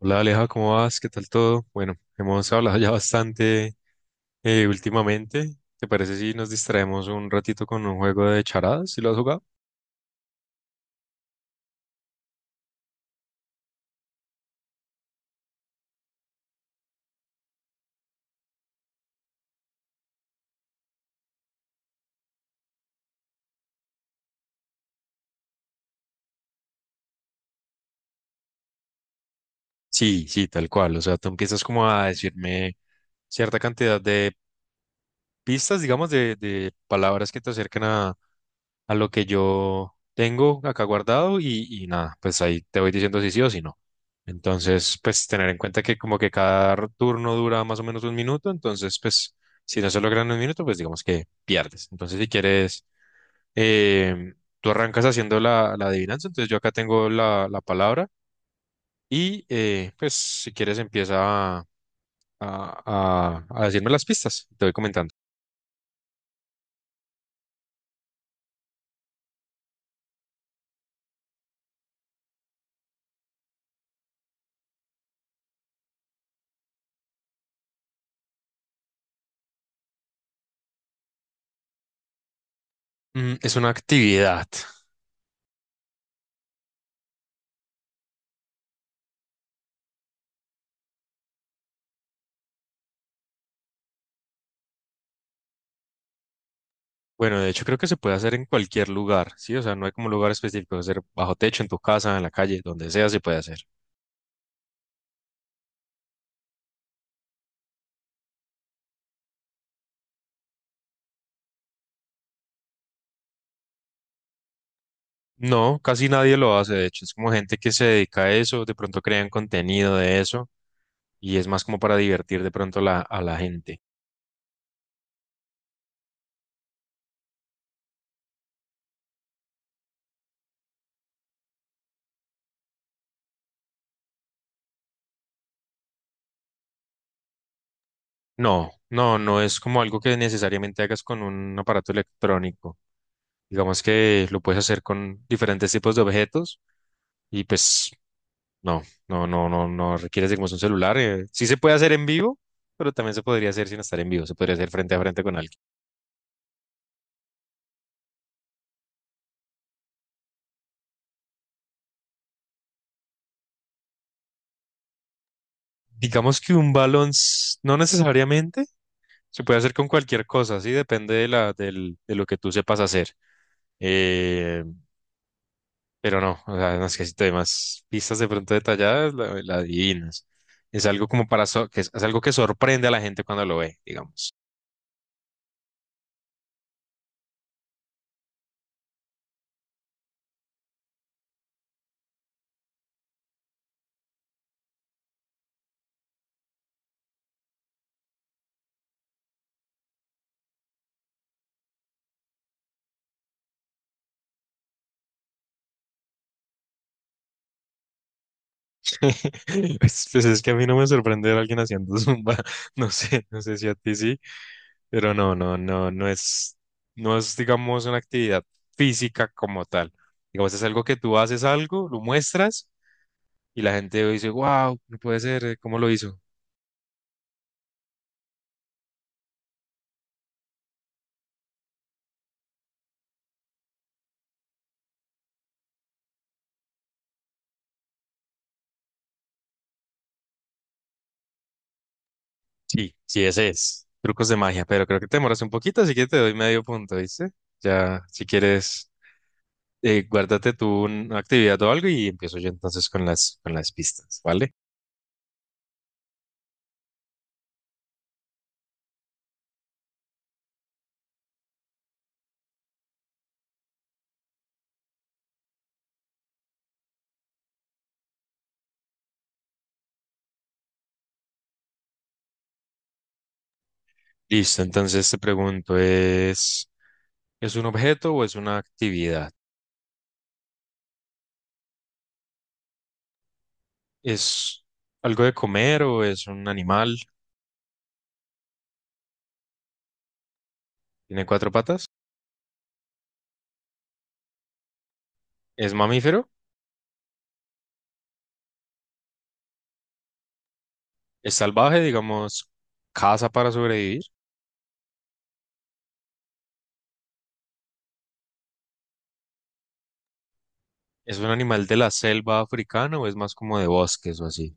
Hola Aleja, ¿cómo vas? ¿Qué tal todo? Bueno, hemos hablado ya bastante últimamente. ¿Te parece si nos distraemos un ratito con un juego de charadas? ¿Si lo has jugado? Sí, sí, tal cual. O sea, tú empiezas como a decirme cierta cantidad de pistas, digamos, de palabras que te acercan a lo que yo tengo acá guardado y nada, pues ahí te voy diciendo si sí o si no. Entonces, pues tener en cuenta que como que cada turno dura más o menos un minuto, entonces pues si no se logra en un minuto, pues digamos que pierdes. Entonces, si quieres, em, tú arrancas haciendo la adivinanza, entonces yo acá tengo la palabra y pues si quieres empieza a, a decirme las pistas, te voy comentando. Mm, es una actividad. Bueno, de hecho creo que se puede hacer en cualquier lugar, ¿sí? O sea, no hay como un lugar específico, hacer bajo techo, en tu casa, en la calle, donde sea se puede hacer. No, casi nadie lo hace, de hecho, es como gente que se dedica a eso, de pronto crean contenido de eso y es más como para divertir de pronto la, a la gente. No, no, no es como algo que necesariamente hagas con un aparato electrónico. Digamos que lo puedes hacer con diferentes tipos de objetos y pues no, no, no, no, no requiere de como es un celular. Sí se puede hacer en vivo, pero también se podría hacer sin estar en vivo. Se podría hacer frente a frente con alguien. Digamos que un balón no necesariamente se puede hacer con cualquier cosa, sí, depende de de lo que tú sepas hacer. Eh, pero no, o sea, no es si te doy más pistas de pronto detalladas, la adivinas. Es algo como para es algo que sorprende a la gente cuando lo ve, digamos. Pues es que a mí no me sorprende ver a alguien haciendo zumba. No sé, no sé si a ti sí. Pero no, no, no, no es, no es, digamos, una actividad física como tal. Digamos, es algo que tú haces algo, lo muestras y la gente dice, wow, no puede ser, ¿cómo lo hizo? Sí, sí, ese es. Trucos de magia, pero creo que te demoras un poquito, así que te doy medio punto, ¿viste? Ya, si quieres, guárdate tú una actividad o algo y empiezo yo entonces con las pistas, ¿vale? Listo, entonces te pregunto, ¿es un objeto o es una actividad? ¿Es algo de comer o es un animal? ¿Tiene cuatro patas? ¿Es mamífero? ¿Es salvaje, digamos, caza para sobrevivir? ¿Es un animal de la selva africana o es más como de bosques o así?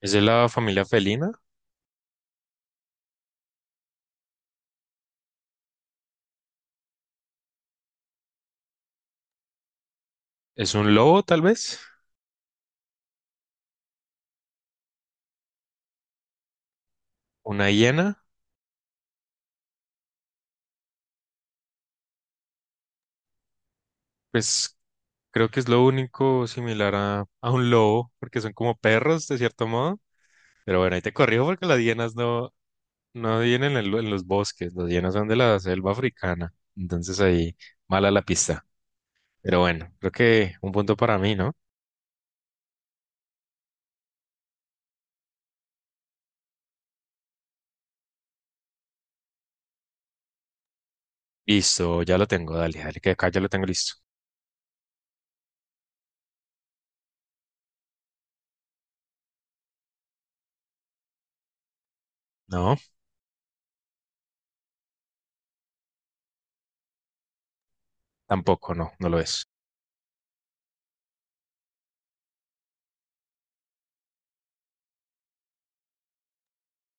¿Es de la familia felina? ¿Es un lobo, tal vez? ¿Una hiena? Pues creo que es lo único similar a un lobo, porque son como perros, de cierto modo. Pero bueno, ahí te corrijo porque las hienas no, no vienen en, en los bosques, las hienas son de la selva africana. Entonces ahí, mala la pista. Pero bueno, creo que un punto para mí, ¿no? Listo, ya lo tengo, dale, dale, que acá ya lo tengo listo. No, tampoco, no, no lo es.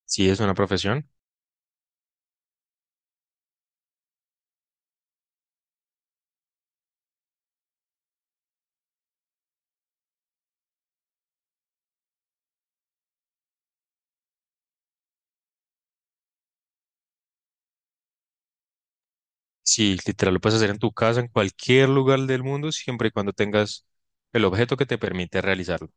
Sí, es una profesión. Sí, literal, lo puedes hacer en tu casa, en cualquier lugar del mundo, siempre y cuando tengas el objeto que te permite realizarlo.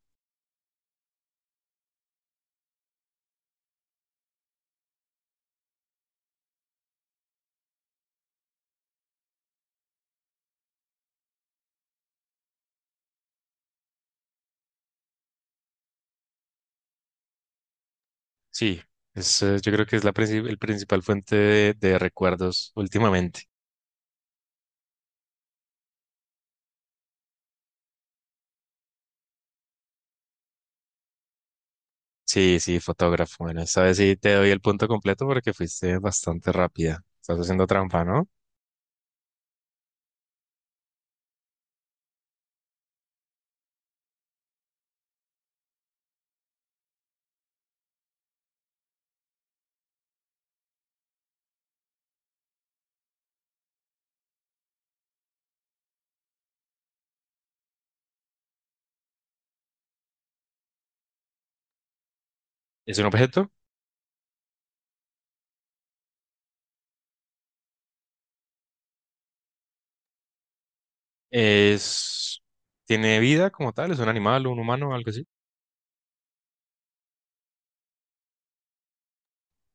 Sí, es, yo creo que es la el principal fuente de recuerdos últimamente. Sí, sí, fotógrafo. Bueno, esta vez sí te doy el punto completo porque fuiste bastante rápida. Estás haciendo trampa, ¿no? ¿Es un objeto? Es, tiene vida como tal, es un animal, un humano, algo así.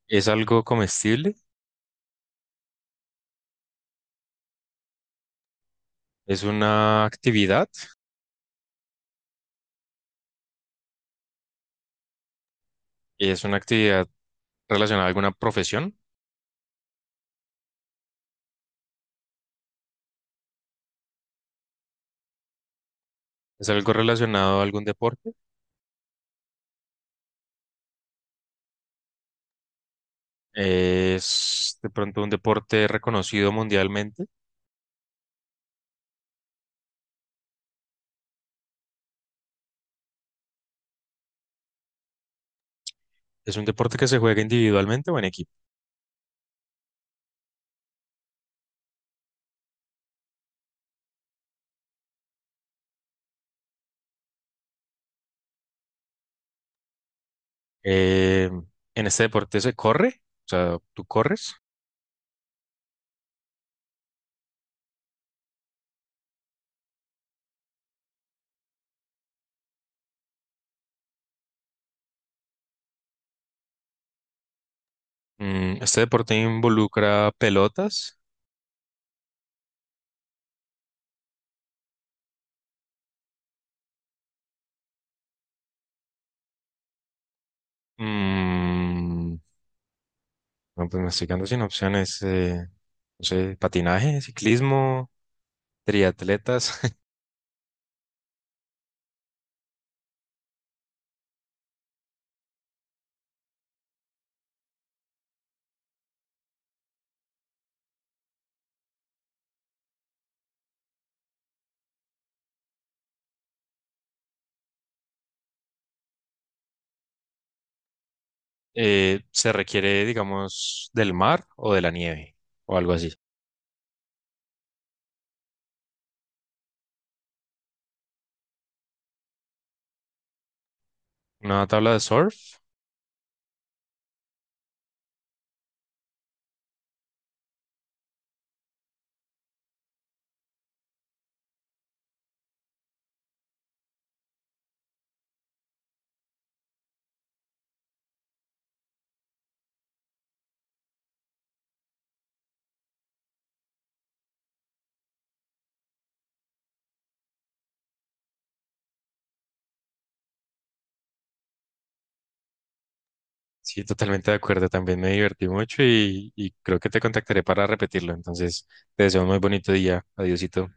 Es algo comestible, es una actividad, es una actividad relacionada a alguna profesión, es algo relacionado a algún deporte, es de pronto un deporte reconocido mundialmente, es un deporte que se juega individualmente o en equipo. Eh, en este deporte se corre, o sea, tú corres. Mm, este deporte involucra pelotas. mm, No, pues me estoy quedando sin opciones. No sé, patinaje, ciclismo, triatletas. Se requiere, digamos, del mar o de la nieve o algo así. Una tabla de surf. Sí, totalmente de acuerdo. También me divertí mucho y creo que te contactaré para repetirlo. Entonces, te deseo un muy bonito día. Adiósito.